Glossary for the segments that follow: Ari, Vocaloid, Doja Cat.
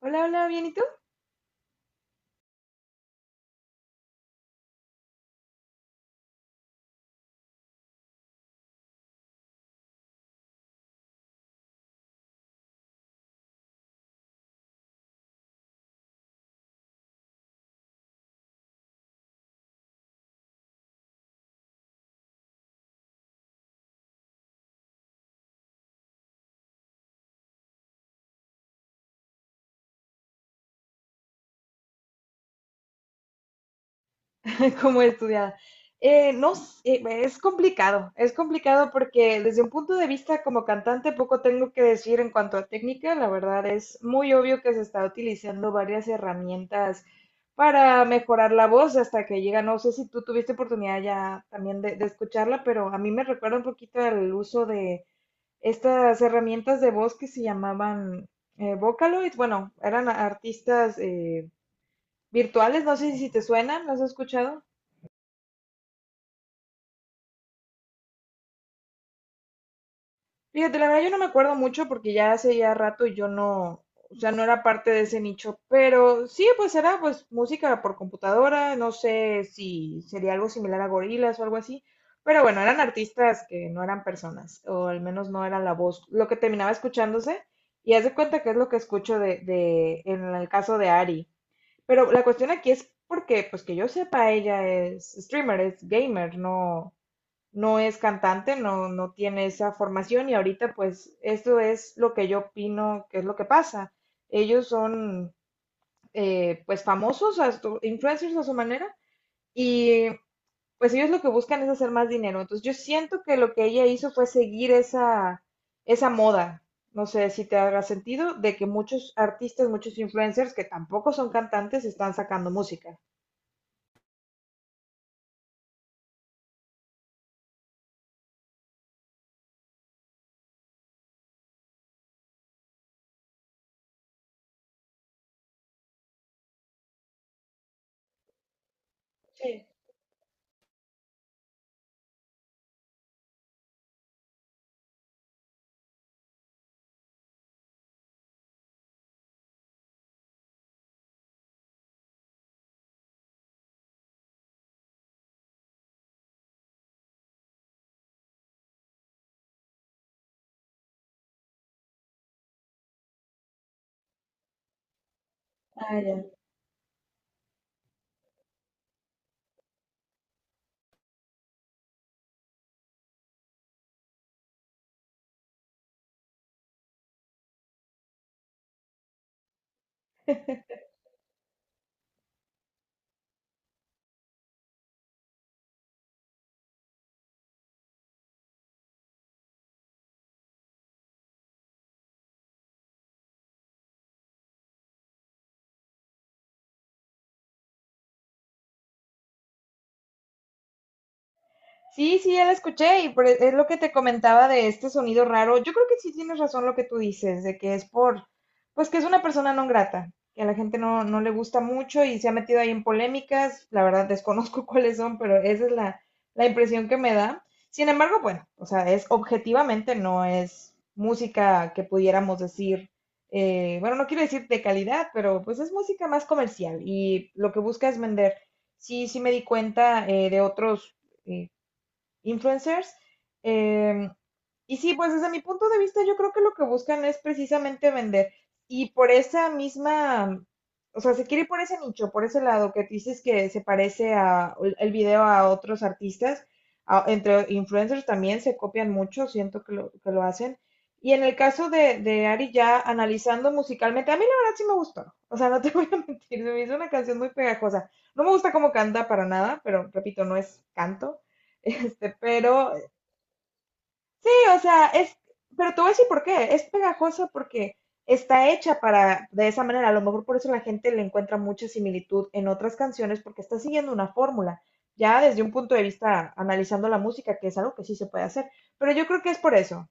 Hola, hola, bien, ¿y tú? ¿Cómo estudiada? No, s- Es complicado, es complicado porque desde un punto de vista como cantante poco tengo que decir en cuanto a técnica. La verdad es muy obvio que se está utilizando varias herramientas para mejorar la voz hasta que llega. No sé si tú tuviste oportunidad ya también de escucharla, pero a mí me recuerda un poquito el uso de estas herramientas de voz que se llamaban Vocaloid. Bueno, eran artistas virtuales, no sé si te suenan, ¿las has escuchado? Fíjate, la verdad yo no me acuerdo mucho porque ya hace ya rato y yo no, o sea, no era parte de ese nicho, pero sí, pues era pues música por computadora. No sé si sería algo similar a gorilas o algo así, pero bueno, eran artistas que no eran personas, o al menos no era la voz lo que terminaba escuchándose, y haz de cuenta que es lo que escucho en el caso de Ari. Pero la cuestión aquí es porque, pues que yo sepa, ella es streamer, es gamer, no, no es cantante, no, no tiene esa formación, y ahorita pues esto es lo que yo opino que es lo que pasa. Ellos son pues famosos, a influencers a su manera, y pues ellos lo que buscan es hacer más dinero. Entonces yo siento que lo que ella hizo fue seguir esa moda. No sé si te haga sentido de que muchos artistas, muchos influencers que tampoco son cantantes están sacando música. Sí. Ah, ya. Sí, sí, ya la escuché y es lo que te comentaba de este sonido raro. Yo creo que sí tienes razón lo que tú dices, de que es por, pues que es una persona no grata, que a la gente no, no le gusta mucho y se ha metido ahí en polémicas. La verdad desconozco cuáles son, pero esa es la impresión que me da. Sin embargo, bueno, o sea, es objetivamente no es música que pudiéramos decir, bueno, no quiero decir de calidad, pero pues es música más comercial y lo que busca es vender. Sí, sí me di cuenta de otros eh, influencers. Eh, y sí, pues desde mi punto de vista yo creo que lo que buscan es precisamente vender. Y por esa misma, o sea, se quiere ir por ese nicho, por ese lado que dices que se parece a el video a otros artistas, entre influencers también se copian mucho, siento que que lo hacen. Y en el caso de Ari, ya analizando musicalmente, a mí la verdad sí me gustó. O sea, no te voy a mentir, se me hizo una canción muy pegajosa. No me gusta cómo canta para nada, pero repito, no es canto. Este, pero sí, o sea, es, pero te voy a decir por qué. Es pegajosa porque está hecha para, de esa manera. A lo mejor por eso la gente le encuentra mucha similitud en otras canciones porque está siguiendo una fórmula, ya desde un punto de vista analizando la música, que es algo que sí se puede hacer, pero yo creo que es por eso.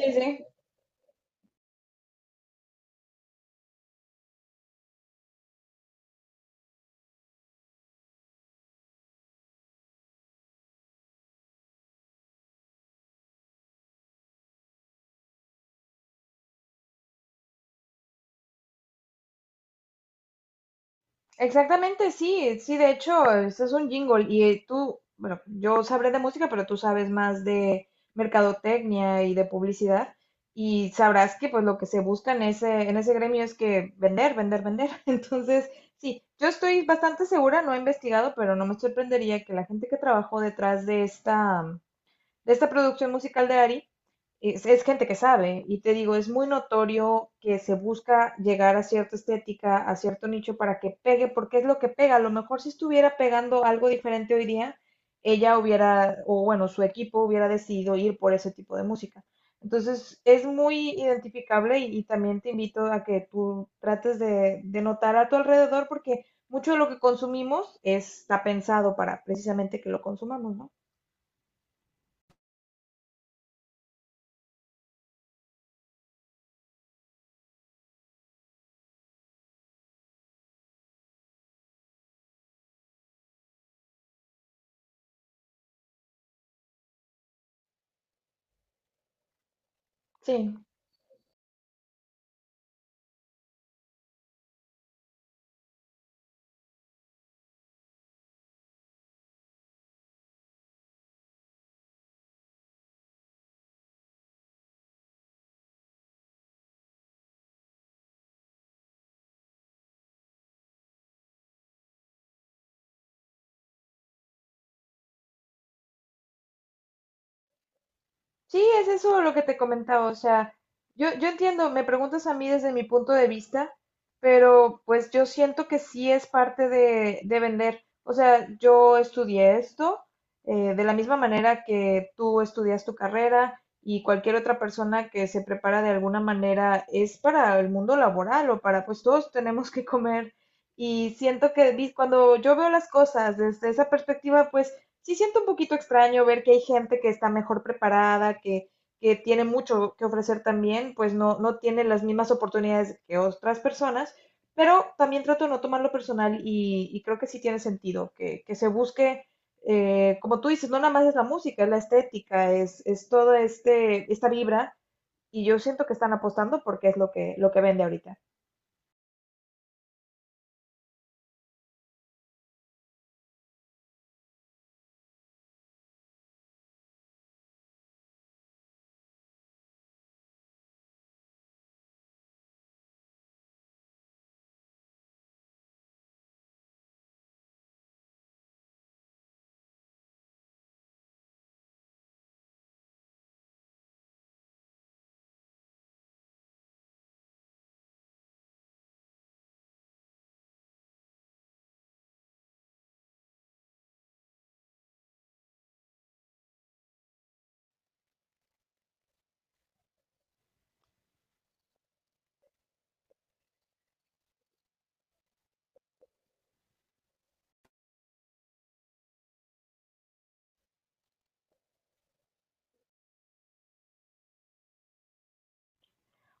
Sí, sí. Exactamente, sí, sí, de hecho, este es un jingle y tú, bueno, yo sabré de música, pero tú sabes más de mercadotecnia y de publicidad, y sabrás que pues lo que se busca en en ese gremio es que vender, vender, vender. Entonces, sí, yo estoy bastante segura, no he investigado, pero no me sorprendería que la gente que trabajó detrás de de esta producción musical de Ari, es gente que sabe, y te digo, es muy notorio que se busca llegar a cierta estética, a cierto nicho para que pegue, porque es lo que pega. A lo mejor si estuviera pegando algo diferente hoy día, ella hubiera, o bueno, su equipo hubiera decidido ir por ese tipo de música. Entonces, es muy identificable, y también te invito a que tú trates de notar a tu alrededor, porque mucho de lo que consumimos está pensado para precisamente que lo consumamos, ¿no? Sí. Sí, es eso lo que te comentaba, o sea, yo entiendo, me preguntas a mí desde mi punto de vista, pero pues yo siento que sí es parte de vender. O sea, yo estudié esto de la misma manera que tú estudias tu carrera, y cualquier otra persona que se prepara de alguna manera es para el mundo laboral, o para, pues todos tenemos que comer. Y siento que cuando yo veo las cosas desde esa perspectiva, pues sí siento un poquito extraño ver que hay gente que está mejor preparada, que tiene mucho que ofrecer también, pues no, no tiene las mismas oportunidades que otras personas, pero también trato de no tomarlo personal, y creo que sí tiene sentido que se busque, como tú dices, no nada más es la música, es la estética, es toda este, esta vibra, y yo siento que están apostando porque es lo que vende ahorita.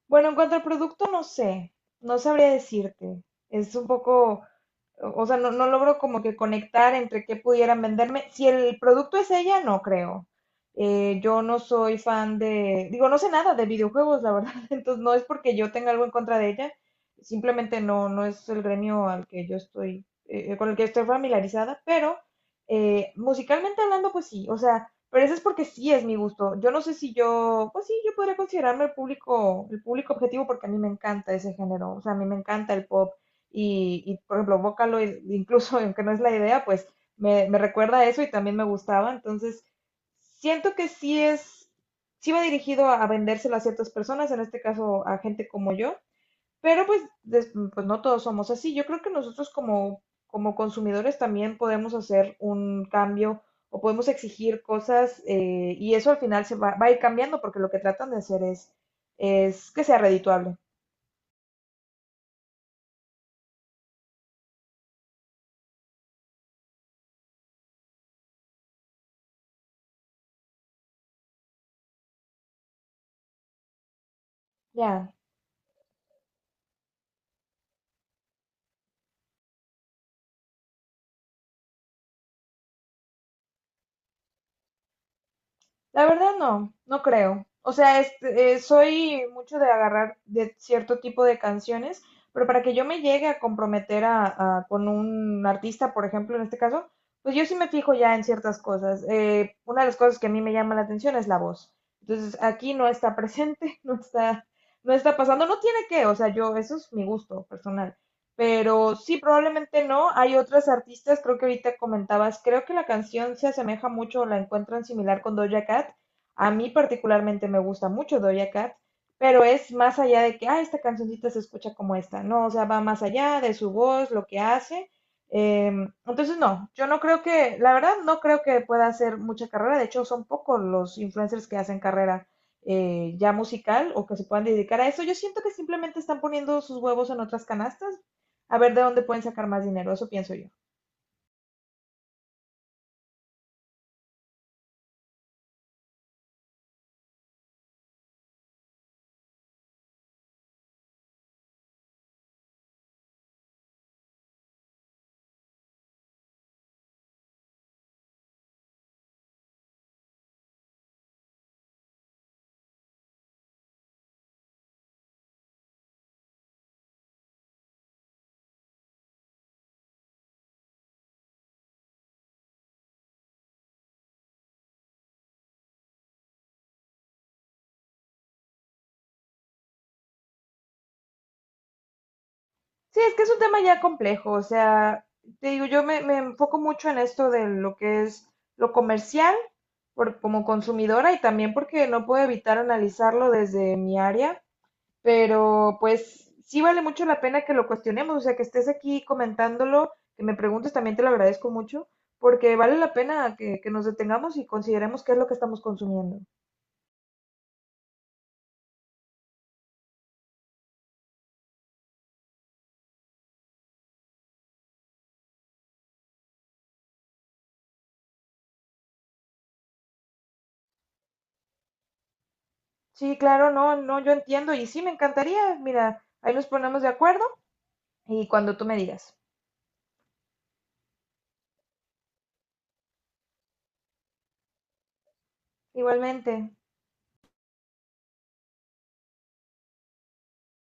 Bueno, en cuanto al producto, no sé, no sabría decirte. Es un poco, o sea, no, no logro como que conectar entre qué pudieran venderme. Si el producto es ella, no creo. Yo no soy fan de, digo, no sé nada de videojuegos, la verdad. Entonces, no es porque yo tenga algo en contra de ella, simplemente no, no es el gremio al que yo estoy, con el que estoy familiarizada, pero musicalmente hablando, pues sí, o sea, pero eso es porque sí es mi gusto. Yo no sé si yo, pues sí, yo podría considerarme el público objetivo porque a mí me encanta ese género. O sea, a mí me encanta el pop. Y, por ejemplo, Vocaloid, incluso aunque no es la idea, pues me recuerda a eso, y también me gustaba. Entonces, siento que sí es, sí va dirigido a vendérselo a ciertas personas, en este caso a gente como yo. Pero pues, pues no todos somos así. Yo creo que nosotros como, como consumidores también podemos hacer un cambio, o podemos exigir cosas y eso al final va a ir cambiando porque lo que tratan de hacer es que sea redituable. Ya. La verdad no, no creo. O sea, este, soy mucho de agarrar de cierto tipo de canciones, pero para que yo me llegue a comprometer con un artista, por ejemplo, en este caso, pues yo sí me fijo ya en ciertas cosas. Una de las cosas que a mí me llama la atención es la voz. Entonces, aquí no está presente, no está, no está pasando, no tiene que, o sea, yo, eso es mi gusto personal. Pero sí, probablemente no. Hay otras artistas, creo que ahorita comentabas, creo que la canción se asemeja mucho o la encuentran similar con Doja Cat. A mí particularmente me gusta mucho Doja Cat, pero es más allá de que, ah, esta cancioncita se escucha como esta. No, o sea, va más allá de su voz, lo que hace. Entonces, no, yo no creo que, la verdad, no creo que pueda hacer mucha carrera. De hecho, son pocos los influencers que hacen carrera, ya musical, o que se puedan dedicar a eso. Yo siento que simplemente están poniendo sus huevos en otras canastas, a ver de dónde pueden sacar más dinero, eso pienso yo. Sí, es que es un tema ya complejo, o sea, te digo, yo me enfoco mucho en esto de lo que es lo comercial por, como consumidora, y también porque no puedo evitar analizarlo desde mi área, pero pues sí vale mucho la pena que lo cuestionemos, o sea, que estés aquí comentándolo, que me preguntes, también te lo agradezco mucho, porque vale la pena que nos detengamos y consideremos qué es lo que estamos consumiendo. Sí, claro, no, no, yo entiendo y sí me encantaría, mira, ahí nos ponemos de acuerdo. Y cuando tú me digas. Igualmente.